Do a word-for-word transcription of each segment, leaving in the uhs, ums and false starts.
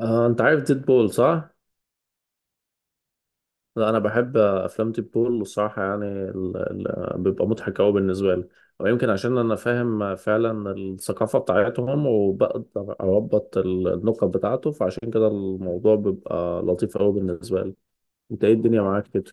آه، انت عارف ديد بول صح؟ لا انا بحب آه، افلام ديد بول الصراحه، يعني ال... ال... بيبقى مضحك قوي بالنسبه لي. ويمكن عشان انا فاهم آه، فعلا الثقافه بتاعتهم، وبقدر اربط ال- النقط بتاعته، فعشان كده الموضوع بيبقى لطيف قوي بالنسبه لي. انت ايه الدنيا معاك كده؟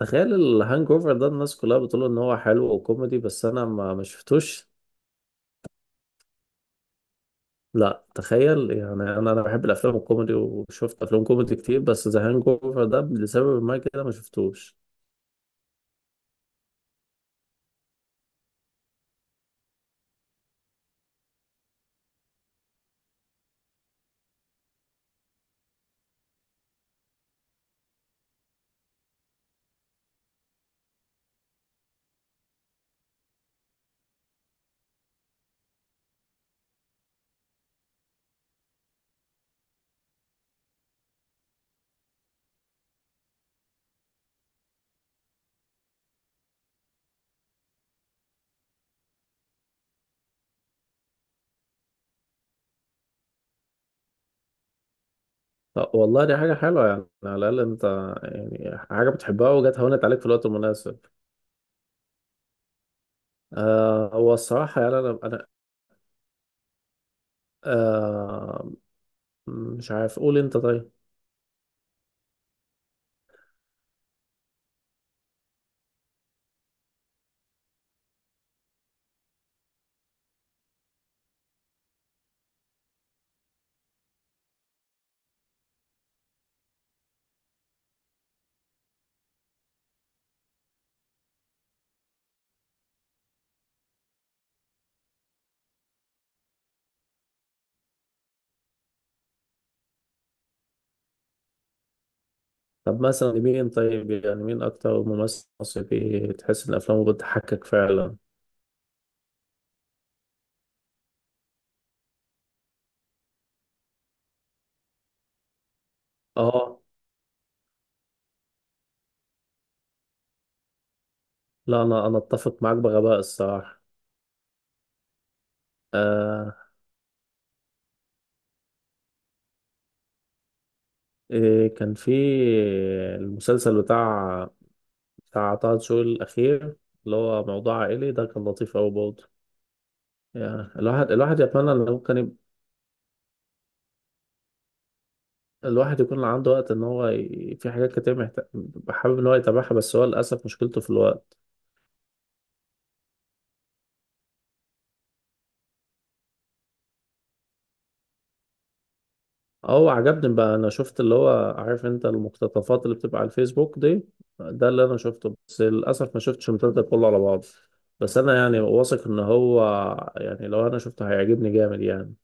تخيل الهانج اوفر ده، الناس كلها بتقول ان هو حلو وكوميدي، بس انا ما ما شفتوش. لا تخيل يعني انا انا بحب الافلام الكوميدي وشفت افلام كوميدي كتير، بس ذا هانج اوفر ده لسبب ما كده ما شفتوش. طب والله دي حاجة حلوة، يعني على الأقل أنت يعني حاجة بتحبها، وجت هونت عليك في الوقت المناسب. آه هو الصراحة، يعني أنا أنا آه مش عارف، قول أنت طيب. طب مثلا مين، طيب يعني مين أكتر ممثل مصري تحس إن أفلامه بتضحكك فعلا؟ أه، لا أنا أنا أتفق معاك بغباء الصراحة. آه إيه كان في المسلسل بتاع بتاع طه دسوقي الأخير، اللي هو موضوع عائلي ده؟ كان لطيف أوي برضه. يعني الواحد الواحد يتمنى ان ممكن الواحد يكون عنده وقت، ان هو ي... في حاجات كتير محتاج، حابب ان هو يتابعها، بس هو للاسف مشكلته في الوقت. اه، عجبني بقى. انا شفت اللي هو، عارف انت، المقتطفات اللي بتبقى على الفيسبوك دي. ده اللي انا شفته، بس للاسف ما شفتش المسلسل كله على بعضه. بس انا يعني واثق ان هو، يعني لو انا شفته هيعجبني جامد يعني.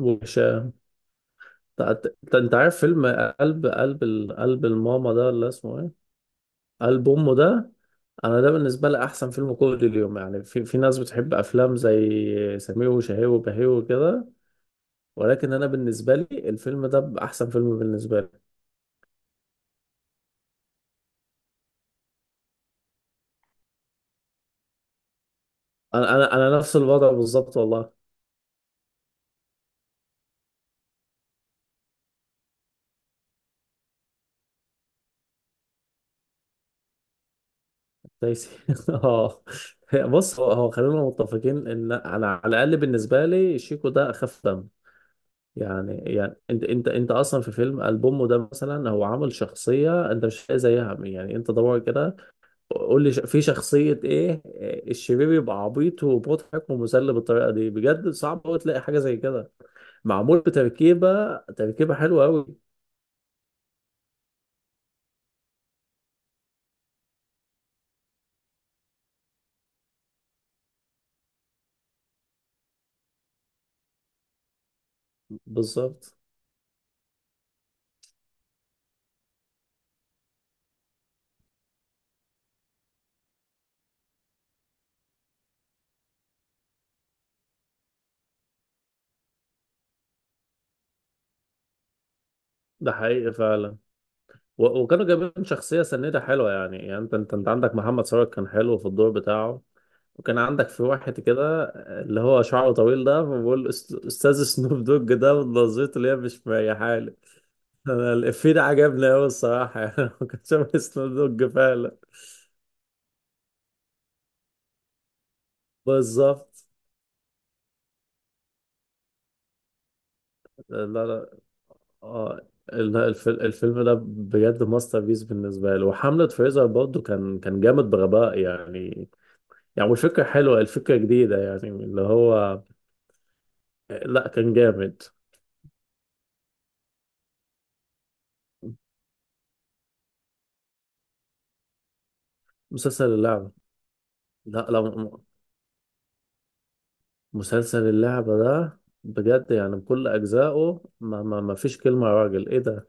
وش انت؟ أنت- أنت عارف فيلم قلب قلب ال- قلب الماما ده اللي اسمه ايه؟ قلب امه. ده انا ده بالنسبه لي احسن فيلم كوميدي اليوم. يعني في في ناس بتحب افلام زي سمير وشهير وبهير وكده، ولكن انا بالنسبه لي الفيلم ده احسن فيلم بالنسبه لي. انا انا انا نفس الوضع بالظبط والله. دايسي. اه، بص، هو هو خلينا متفقين ان انا على الاقل بالنسبه لي شيكو ده اخف دم. يعني يعني انت انت انت اصلا في فيلم البومه ده مثلا، هو عامل شخصيه انت مش لاقي زيها. يعني انت دور كده، قول لي ش- في شخصية ايه الشرير يبقى عبيط ومضحك ومسلي بالطريقة دي؟ بجد صعب قوي تلاقي حاجة زي كده. معمول بتركيبة، تركيبة حلوة قوي. بالظبط. ده حقيقي فعلا. و- وكانوا جايبين شخصية سنيدة حلوة، يعني يعني انت انت, انت عندك محمد ثروت كان حلو في الدور بتاعه. وكان عندك في واحد كده اللي هو شعره طويل ده، بقول أست- استاذ سنوب دوج ده، ونظرته اللي هي مش مريحالي. انا الافيه ده عجبني قوي الصراحة. يعني كان شبه سنوب دوج فعلا. بالظبط. لا لا، اه. ال- الف- الفيلم ده بجد ماستر بيس بالنسبه لي، وحمله فريزر برضه كان كان جامد بغباء يعني. يعني والفكره حلوه، الفكره جديده يعني اللي هو. لا كان جامد. مسلسل اللعبه. لا لا، م- مسلسل اللعبه ده بجد يعني بكل اجزائه، ما ما, ما فيش كلمه، يا راجل ايه ده.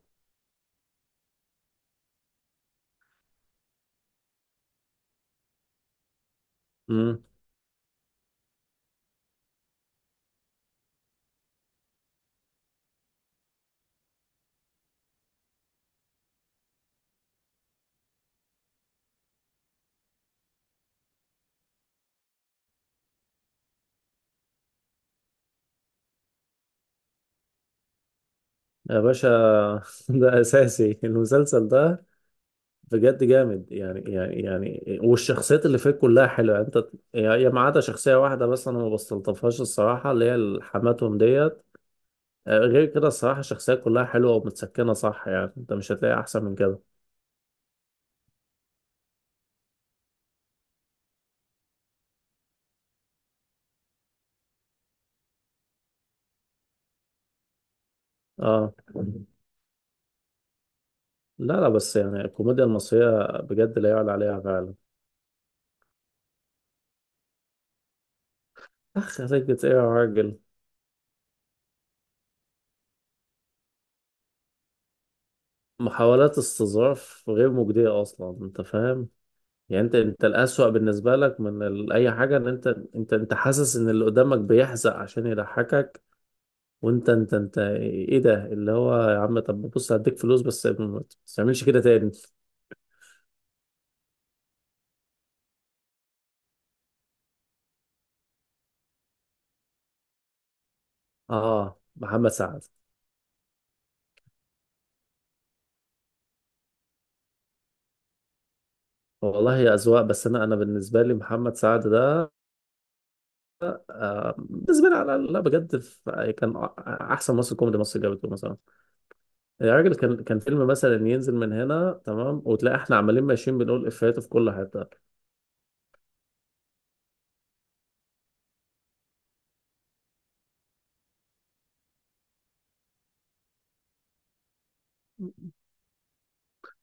امم. يا باشا. ده اساسي المسلسل ده بجد جامد يعني يعني يعني والشخصيات اللي فيه كلها حلوه انت، يعني ما عدا شخصيه واحده بس انا ما بستلطفهاش الصراحه، اللي هي ال- حماتهم ديت. آه، غير كده الصراحه الشخصيات كلها حلوه ومتسكنه صح، يعني انت مش هتلاقي احسن من كده. اه، لا لا، بس يعني الكوميديا المصريه بجد لا يعلى عليها فعلا. اخ، خليك ايه يا راجل، محاولات استظراف غير مجديه اصلا انت فاهم. يعني انت انت الأسوأ بالنسبة لك من ال... اي حاجة، ان انت انت انت حاسس ان اللي قدامك بيحزق عشان يضحكك. وانت انت انت ايه ده اللي هو، يا عم طب بص هديك فلوس بس ما تعملش كده تاني. اه، محمد سعد. والله يا اذواق، بس انا انا بالنسبه لي محمد سعد ده، آه بالنسبه لي، على، لا بجد في- كان احسن ممثل كوميدي مصر جابته مثلا. يا راجل كان كان فيلم مثلا ينزل من هنا تمام، وتلاقي احنا عمالين ماشيين بنقول افيهاته في كل حته.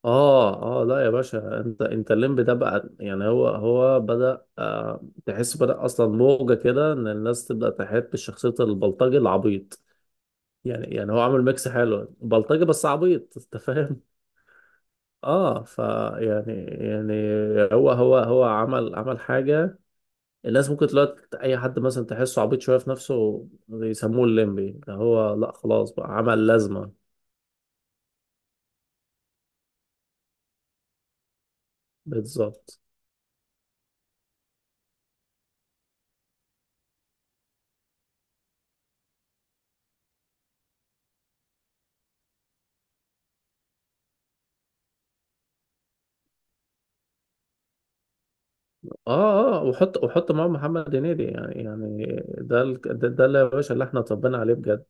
اه اه، لا يا باشا، انت انت الليمب ده بقى. يعني هو هو بدأ، آه تحس بدأ اصلا موجة كده، ان الناس تبدأ تحب شخصية البلطجي العبيط. يعني يعني هو عامل ميكس حلو، بلطجي بس عبيط انت فاهم. اه، ف يعني يعني هو هو هو عمل عمل حاجة. الناس ممكن دلوقتي اي حد مثلا تحسه عبيط شوية في نفسه يسموه الليمبي ده. هو لا خلاص بقى، عمل لازمة. بالظبط. اه اه، وحط وحط معاهم محمد هنيدي. يعني يعني ده ال- ده, ده اللي يا باشا اللي احنا اتربينا عليه بجد.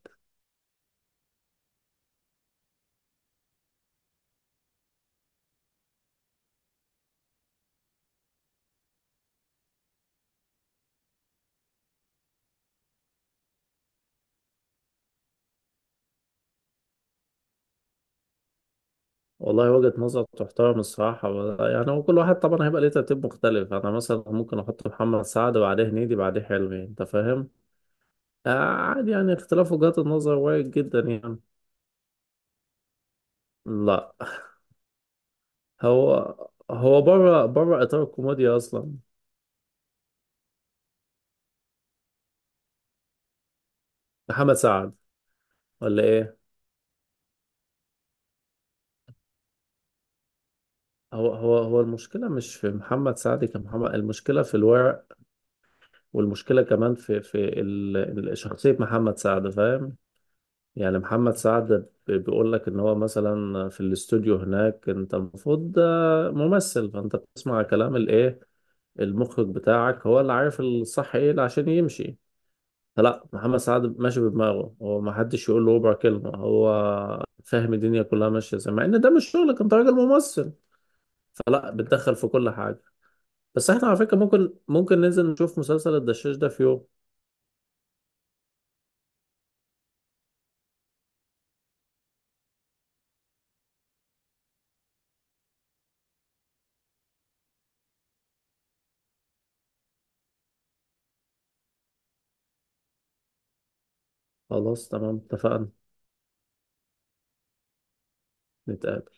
والله وجهة نظر تحترم الصراحة. يعني هو كل واحد طبعا هيبقى ليه ترتيب مختلف، انا مثلا ممكن احط محمد سعد بعديه هنيدي بعديه حلمي انت فاهم. آه عادي، يعني اختلاف وجهات النظر وارد جدا يعني. لا هو هو بره بره اطار الكوميديا اصلا. محمد سعد. ولا ايه، هو هو هو المشكلة مش في محمد سعد كمحمد، المشكلة في الورق. والمشكلة كمان في في ال- ال- شخصية محمد سعد فاهم. يعني محمد سعد ب- بيقول لك ان هو مثلا في الاستوديو هناك، انت المفروض ده ممثل، فانت بتسمع كلام الايه؟ المخرج بتاعك هو اللي عارف الصح ايه عشان يمشي. فلا محمد سعد ماشي بدماغه، هو ما حدش يقول له ربع كلمة، هو فاهم الدنيا كلها ماشية ازاي، مع ان ده مش شغلك انت راجل ممثل. فلا بتدخل في كل حاجة. بس احنا على فكرة ممكن ممكن ننزل نشوف مسلسل الدشاش ده في يوم. خلاص تمام، اتفقنا. نتقابل.